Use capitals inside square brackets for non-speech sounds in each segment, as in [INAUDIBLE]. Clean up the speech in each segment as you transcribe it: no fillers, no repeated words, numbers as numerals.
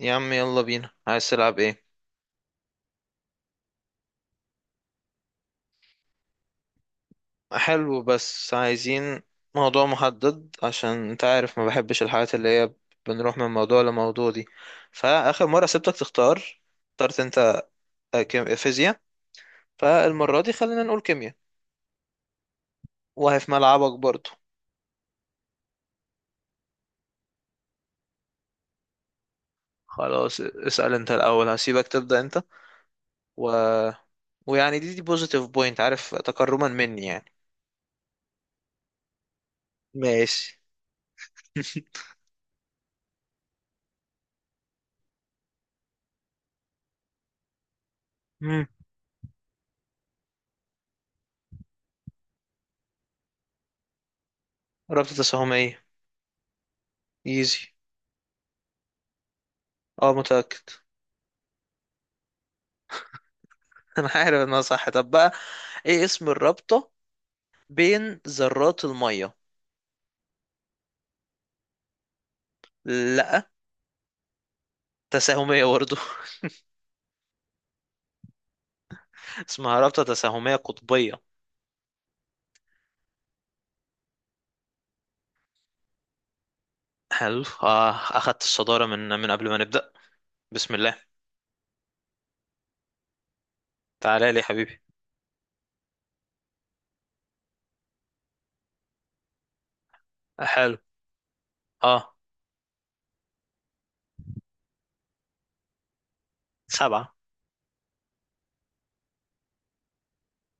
يا عم، يلا بينا، عايز تلعب ايه؟ حلو، بس عايزين موضوع محدد عشان انت عارف ما بحبش الحاجات اللي هي بنروح من موضوع لموضوع دي. فآخر مرة سبتك تختار، اخترت انت فيزياء. فالمرة دي خلينا نقول كيمياء، وهي في ملعبك برضو. خلاص، اسأل انت الأول، هسيبك تبدأ انت. و... ويعني دي بوزيتيف بوينت، عارف، تكرما مني يعني. ماشي. [LAUGHS] مم. رابطة تساهمية. ايزي. اه متأكد. [LAUGHS] انا عارف انها صح. طب بقى، ايه اسم الرابطة بين ذرات المية؟ لا، تساهمية برضه. [LAUGHS] اسمها رابطة تساهمية قطبية. حلو، اه، اخدت الصدارة من قبل ما نبدأ. بسم الله. تعالى لي يا حبيبي. حلو، اه. سبعة.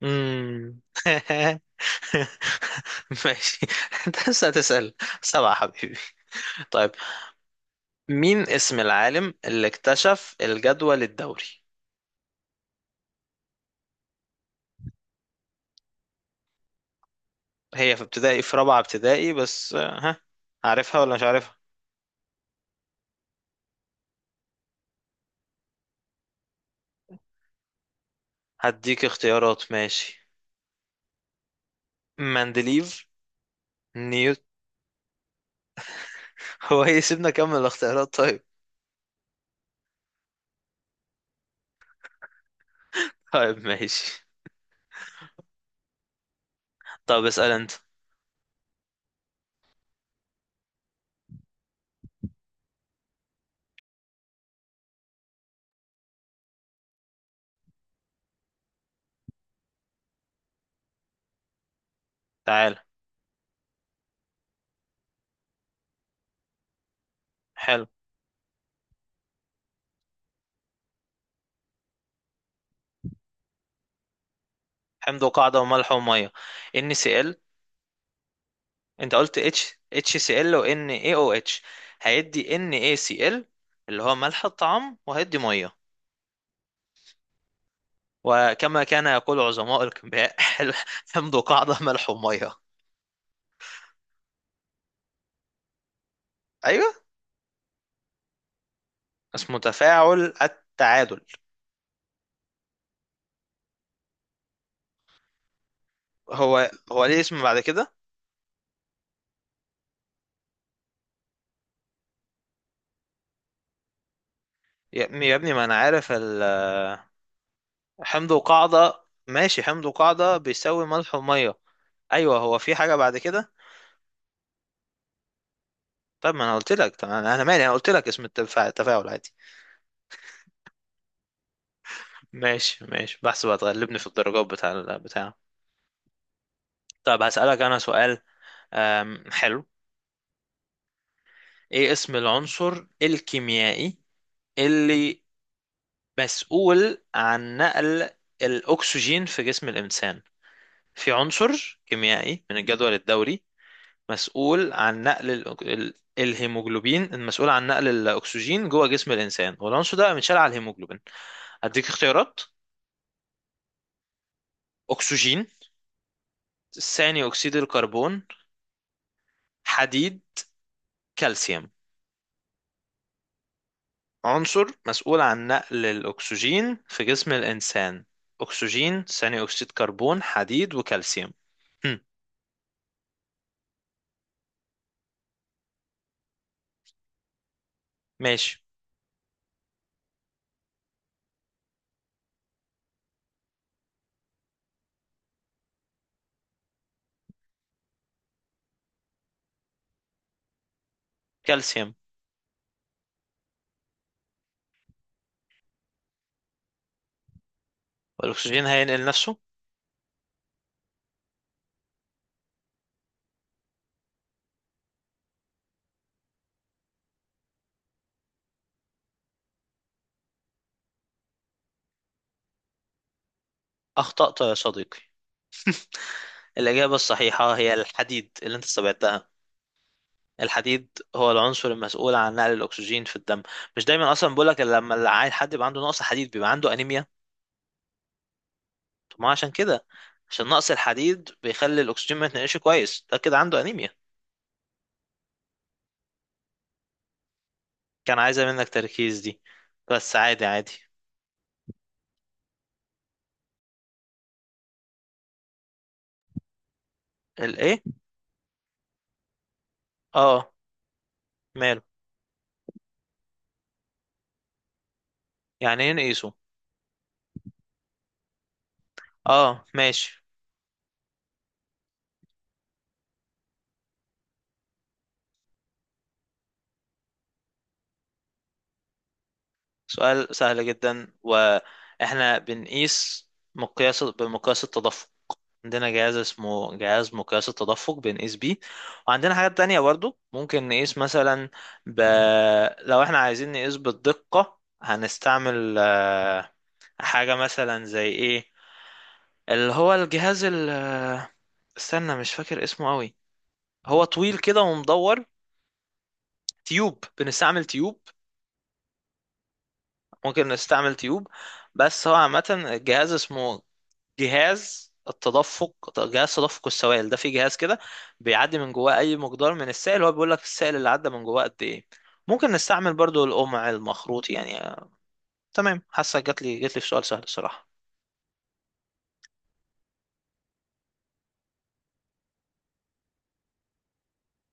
امم [LAUGHS] ماشي. انت لسه هتسأل؟ سبعة يا حبيبي. طيب، مين اسم العالم اللي اكتشف الجدول الدوري؟ هي في ابتدائي، في رابعة ابتدائي بس، ها، عارفها ولا مش عارفها؟ هديك اختيارات، ماشي. مندليف. نيوت. [LAUGHS] هو سيبنا اكمل الاختيارات، طيب. [LAUGHS] طيب ماشي. طب اسأل انت. تعال. حلو. حمض وقاعدة وملح ومية. NaCl. انت قلت H، HCl و NaOH، هيدي NaCl اللي هو ملح الطعام، وهيدي مية. وكما كان يقول عظماء الكيمياء، [LAUGHS] حمض وقاعدة ملح ومية. ايوه، اسمه تفاعل التعادل. هو ليه اسم بعد كده؟ يا ابني يا ابني، ما انا عارف. حمض وقاعدة ماشي، حمض وقاعدة بيساوي ملح ومية. أيوة، هو في حاجة بعد كده؟ طب ما أنا قلت لك، طب أنا مالي، أنا قلت لك اسم التفاعل، التفاعل عادي. ماشي ماشي، بحسب هتغلبني في الدرجات بتاع البتاع. طب هسألك أنا سؤال. حلو. إيه اسم العنصر الكيميائي اللي مسؤول عن نقل الأكسجين في جسم الإنسان؟ في عنصر كيميائي من الجدول الدوري مسؤول عن نقل الهيموجلوبين المسؤول عن نقل الأكسجين جوه جسم الإنسان، والعنصر ده بيتشال على الهيموجلوبين. هديك اختيارات: أكسجين، ثاني أكسيد الكربون، حديد، كالسيوم. عنصر مسؤول عن نقل الأكسجين في جسم الإنسان؟ أكسجين، ثاني أكسيد كربون، حديد، وكالسيوم. هم. ماشي، كالسيوم والأكسجين هينقل نفسه؟ أخطأت يا صديقي. الإجابة الصحيحة هي الحديد، اللي أنت استبعدتها. الحديد هو العنصر المسؤول عن نقل الاكسجين في الدم. مش دايما اصلا بقول لك، لما العيل حد بيبقى عنده نقص حديد بيبقى عنده انيميا. طب ما عشان كده، عشان نقص الحديد بيخلي الاكسجين ما يتنقلش كويس، ده كده عنده انيميا. كان عايزه منك تركيز دي، بس عادي عادي. الايه؟ اه ماله. يعني ايه نقيسه؟ اه ماشي. سؤال سهل جدا، واحنا بنقيس مقياس بمقياس التدفق. عندنا جهاز اسمه جهاز مقياس التدفق، بنقيس بيه. وعندنا حاجات تانية برضو ممكن نقيس مثلا ب... لو احنا عايزين نقيس بالدقة هنستعمل حاجة مثلا زي ايه، اللي هو الجهاز ال... آه، استنى، مش فاكر اسمه قوي. هو طويل كده ومدور. تيوب، بنستعمل تيوب. ممكن نستعمل تيوب. بس هو عامة الجهاز اسمه جهاز التدفق، جهاز تدفق السوائل. ده في جهاز كده بيعدي من جواه اي مقدار من السائل، هو بيقول لك السائل اللي عدى من جواه قد ايه. ممكن نستعمل برضو القمع المخروط يعني. تمام، حاسه جات لي جات لي في سؤال سهل الصراحه.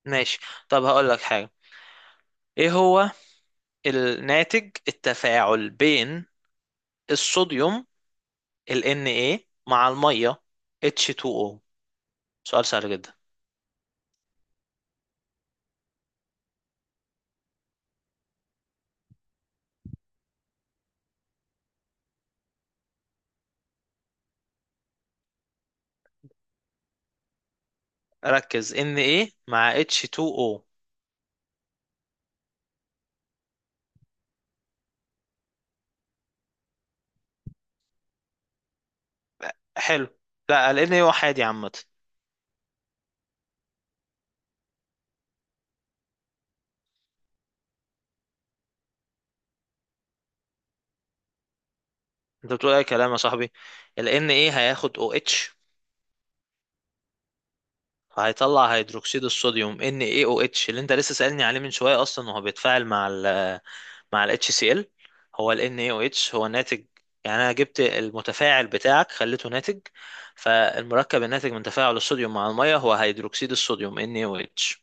ماشي. طب هقول لك حاجه. ايه هو الناتج التفاعل بين الصوديوم، ال Na، مع الميه H2O؟ سؤال سهل جدا. ركز، Na مع H2O. حلو. لا، ال Na وحيد يا عم. انت بتقول اي كلام يا صاحبي. ال Na هياخد OH، هيطلع هيدروكسيد الصوديوم NaOH، اللي انت لسه سألني عليه من شوية اصلا، وهو بيتفاعل مع ال مع ال HCl. هو ال NaOH هو ناتج، يعني انا جبت المتفاعل بتاعك خليته ناتج. فالمركب الناتج من تفاعل الصوديوم مع المية هو هيدروكسيد الصوديوم NaOH.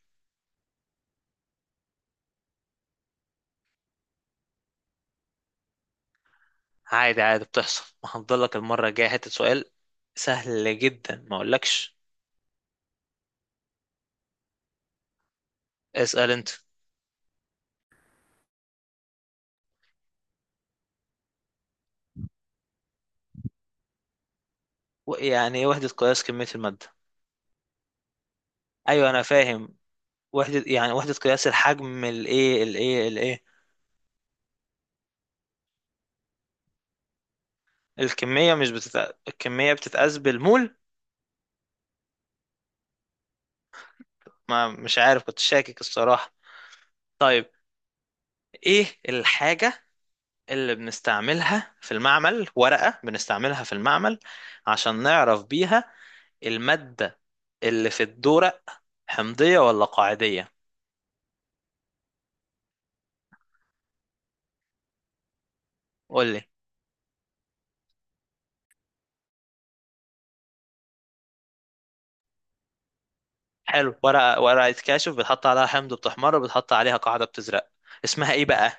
عادي عادي، بتحصل. [LAUGHS] ما هفضلك المرة الجاية حتة سؤال سهل جدا، ما اقولكش. اسأل انت. يعني ايه وحدة قياس كمية المادة؟ ايوه انا فاهم. وحدة، يعني وحدة قياس الحجم، الايه الايه الايه. الكمية مش الكمية بتتقاس بالمول. ما مش عارف، كنت شاكك الصراحة. طيب، ايه الحاجة اللي بنستعملها في المعمل، ورقة بنستعملها في المعمل عشان نعرف بيها المادة اللي في الدورق حمضية ولا قاعدية؟ قول لي. حلو، ورقة، ورقة كاشف بتحط عليها حمض بتحمر وبتحط عليها قاعدة بتزرق. اسمها ايه بقى؟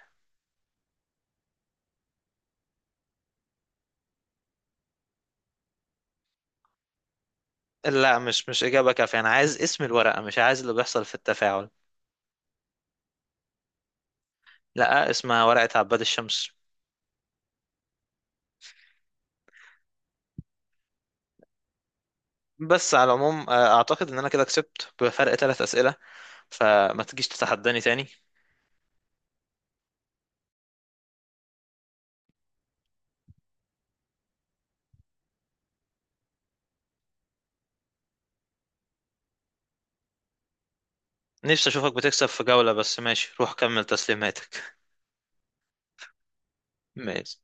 لا، مش مش إجابة كافية، أنا عايز اسم الورقة مش عايز اللي بيحصل في التفاعل. لا، اسمها ورقة عباد الشمس. بس على العموم أعتقد إن أنا كده كسبت بفرق 3 أسئلة، فما تجيش تتحداني تاني. نفسي أشوفك بتكسب في جولة. بس ماشي، روح كمل تسليماتك. [LAUGHS] ماشي.